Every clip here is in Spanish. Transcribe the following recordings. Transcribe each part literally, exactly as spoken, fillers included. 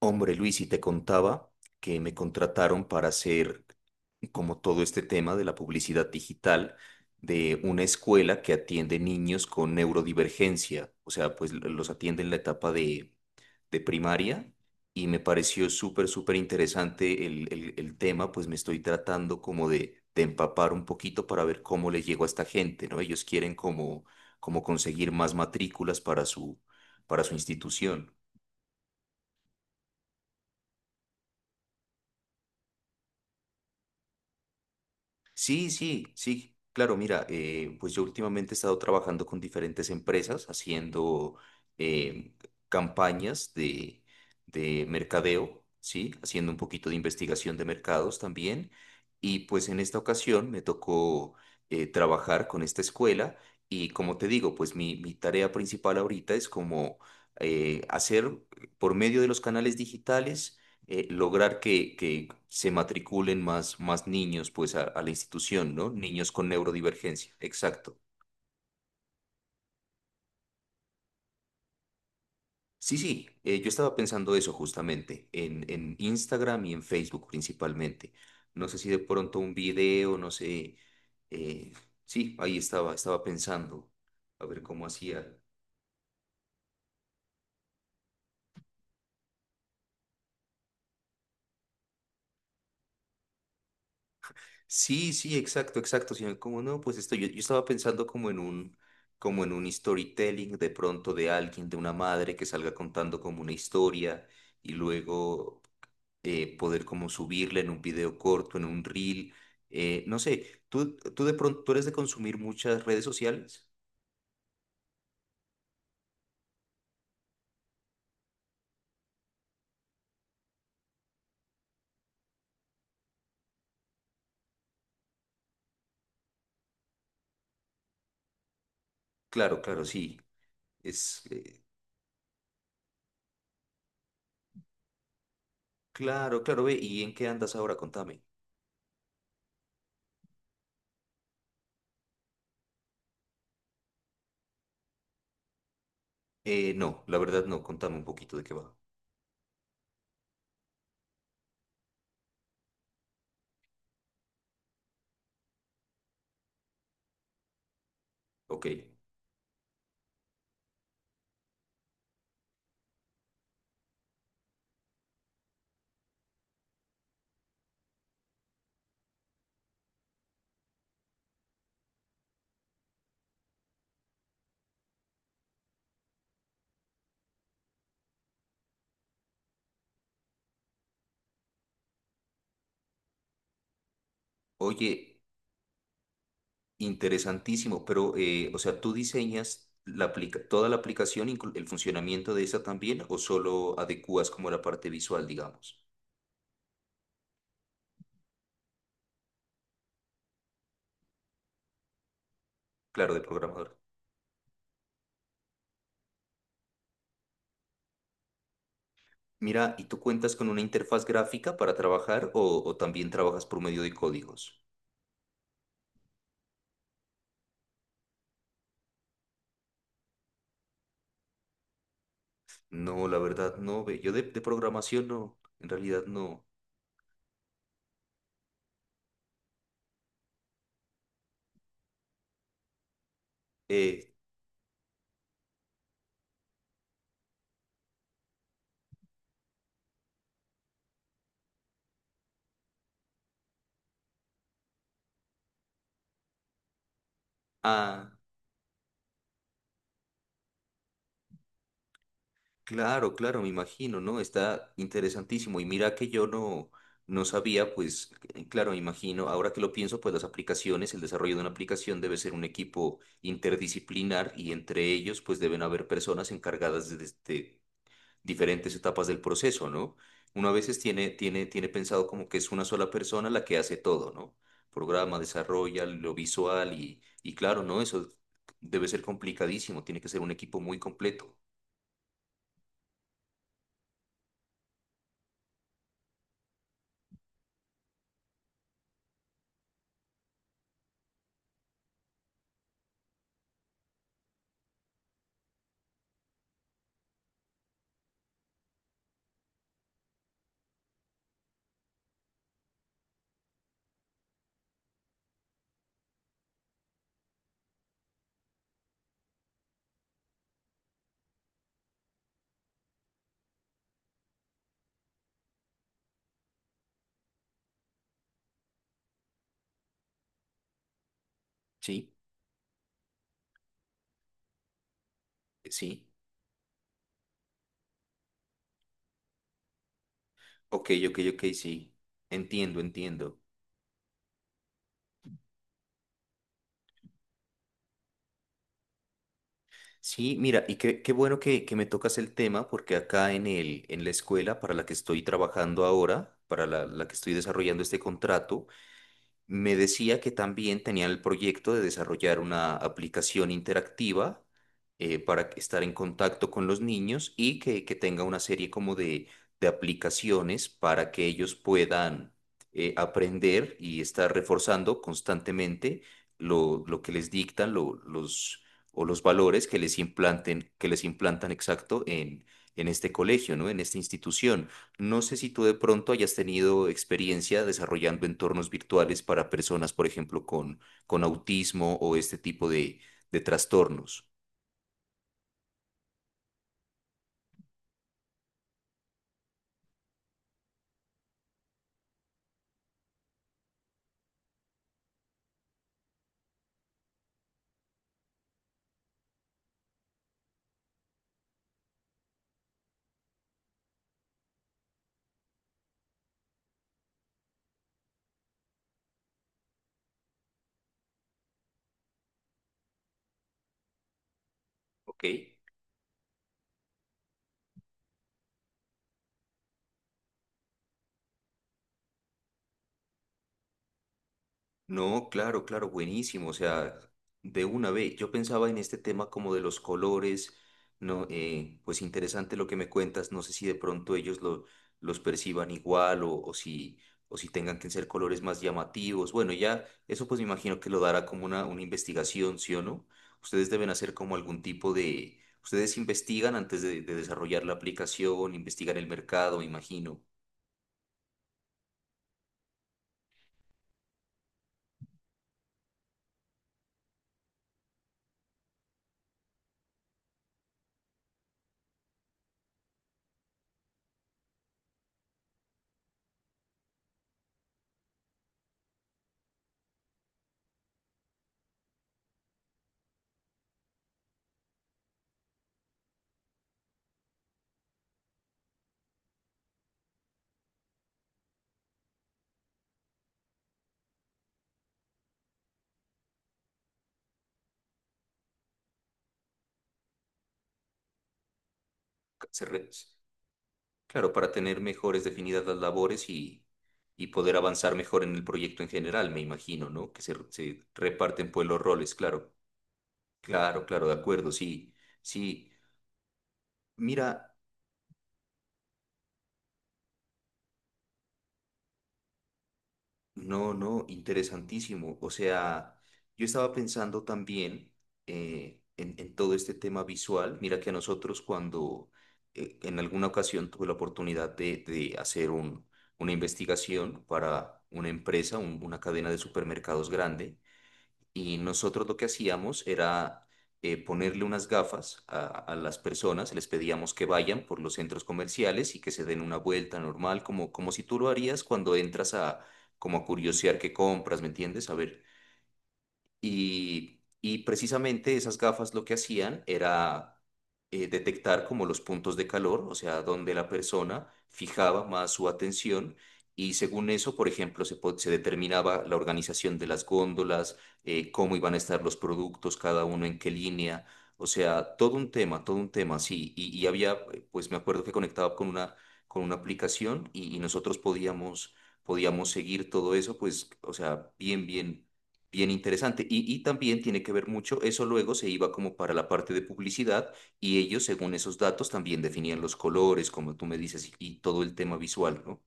Hombre, Luis, y te contaba que me contrataron para hacer como todo este tema de la publicidad digital de una escuela que atiende niños con neurodivergencia. O sea, pues l- los atiende en la etapa de, de primaria y me pareció súper, súper interesante el, el- el tema, pues me estoy tratando como de, de empapar un poquito para ver cómo le llego a esta gente, ¿no? Ellos quieren como, como conseguir más matrículas para su, para su institución. Sí, sí, sí, claro, mira, eh, pues yo últimamente he estado trabajando con diferentes empresas haciendo eh, campañas de, de mercadeo, ¿sí? Haciendo un poquito de investigación de mercados también. Y pues en esta ocasión me tocó eh, trabajar con esta escuela y como te digo, pues mi, mi tarea principal ahorita es como eh, hacer por medio de los canales digitales, eh, lograr que, que se matriculen más, más niños pues a, a la institución, ¿no? Niños con neurodivergencia, exacto. Sí, sí, eh, yo estaba pensando eso justamente, en, en Instagram y en Facebook principalmente. No sé si de pronto un video, no sé, eh, sí, ahí estaba, estaba pensando, a ver cómo hacía. Sí, sí, exacto, exacto, sino como no, pues esto, yo, yo estaba pensando como en un, como en un storytelling de pronto de alguien, de una madre que salga contando como una historia y luego, eh, poder como subirla en un video corto, en un reel. Eh, no sé, ¿tú, tú de pronto, tú eres de consumir muchas redes sociales? Claro, claro, sí, es, eh, claro, claro, ve, ¿y en qué andas ahora? Contame. Eh, no, la verdad no, contame un poquito de qué va. Ok. Oye. Interesantísimo, pero, eh, o sea, ¿tú diseñas la aplica- toda la aplicación, inclu- el funcionamiento de esa también, o solo adecuas como la parte visual, digamos? Claro, de programador. Mira, ¿y tú cuentas con una interfaz gráfica para trabajar o, o también trabajas por medio de códigos? No, la verdad no, ve. Yo de, de programación no, en realidad no. Eh, ah. Claro, claro, me imagino, ¿no? Está interesantísimo. Y mira que yo no, no sabía, pues, eh, claro, me imagino, ahora que lo pienso, pues las aplicaciones, el desarrollo de una aplicación debe ser un equipo interdisciplinar y entre ellos, pues, deben haber personas encargadas de, des- de diferentes etapas del proceso, ¿no? Uno a veces tiene, tiene, tiene pensado como que es una sola persona la que hace todo, ¿no? Programa, desarrolla, lo visual y, y claro, ¿no? Eso debe ser complicadísimo, tiene que ser un equipo muy completo. Sí, sí. Ok, ok, ok, sí. Entiendo, entiendo. Sí, mira, y qué, qué bueno que, que me tocas el tema, porque acá en el, en la escuela para la que estoy trabajando ahora, para la, la que estoy desarrollando este contrato, me decía que también tenían el proyecto de desarrollar una aplicación interactiva, eh, para que- estar en contacto con los niños y que, que tenga una serie como de, de aplicaciones para que ellos puedan, eh, aprender y estar reforzando constantemente lo, lo que les dictan lo- los, o los valores que les implanten, que les implantan exacto en, en este colegio, ¿no? En esta institución. No sé si tú de pronto hayas tenido experiencia desarrollando entornos virtuales para personas, por ejemplo, con, con autismo o este tipo de, de trastornos. Ok. No, claro, claro, buenísimo. O sea, de una vez, yo pensaba en este tema como de los colores, no, eh, pues interesante lo que me cuentas. No sé si de pronto ellos lo, los perciban igual o, o si, o si tengan que ser colores más llamativos. Bueno, ya eso pues me imagino que lo dará como una, una investigación, ¿sí o no? Ustedes deben hacer como algún tipo de, ustedes investigan antes de, de desarrollar la aplicación, investigan el mercado, me imagino. ¿Se re- claro, para tener mejores definidas las labores y, y poder avanzar mejor en el proyecto en general, me imagino, ¿no? Que se, se reparten pues los roles, claro, claro, claro, de acuerdo, sí, sí. Mira, no, no, interesantísimo. O sea, yo estaba pensando también, eh, en, en todo este tema visual. Mira que a nosotros cuando, eh, en alguna ocasión tuve la oportunidad de, de hacer un, una investigación para una empresa, un- una cadena de supermercados grande. Y nosotros lo que hacíamos era, eh, ponerle unas gafas a, a las personas, les pedíamos que vayan por los centros comerciales y que se den una vuelta normal, como, como si tú lo harías cuando entras a, como a curiosear qué compras, ¿me entiendes? A ver y, y precisamente esas gafas lo que hacían era, eh, detectar como los puntos de calor, o sea, donde la persona fijaba más su atención. Y según eso, por ejemplo, se, po- se determinaba la organización de las góndolas, eh, cómo iban a estar los productos, cada uno en qué línea. O sea, todo un tema, todo un tema, sí. Y, y había, eh, pues me acuerdo que conectaba con una, con una aplicación y, y nosotros podíamos, podíamos seguir todo eso, pues, o sea, bien, bien, bien interesante. Y, y también tiene que ver mucho, eso luego se iba como para la parte de publicidad y ellos, según esos datos, también definían los colores, como tú me dices, y, y todo el tema visual, ¿no?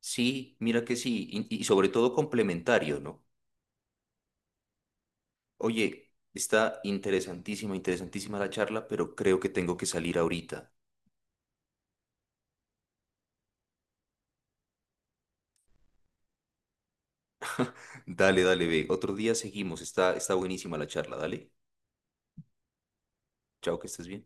Sí, mira que sí, y, y sobre todo complementario, ¿no? Oye, está interesantísima, interesantísima la charla, pero creo que tengo que salir ahorita. Dale, dale, ve. Otro día seguimos, está, está buenísima la charla, dale. Chao, que estés bien.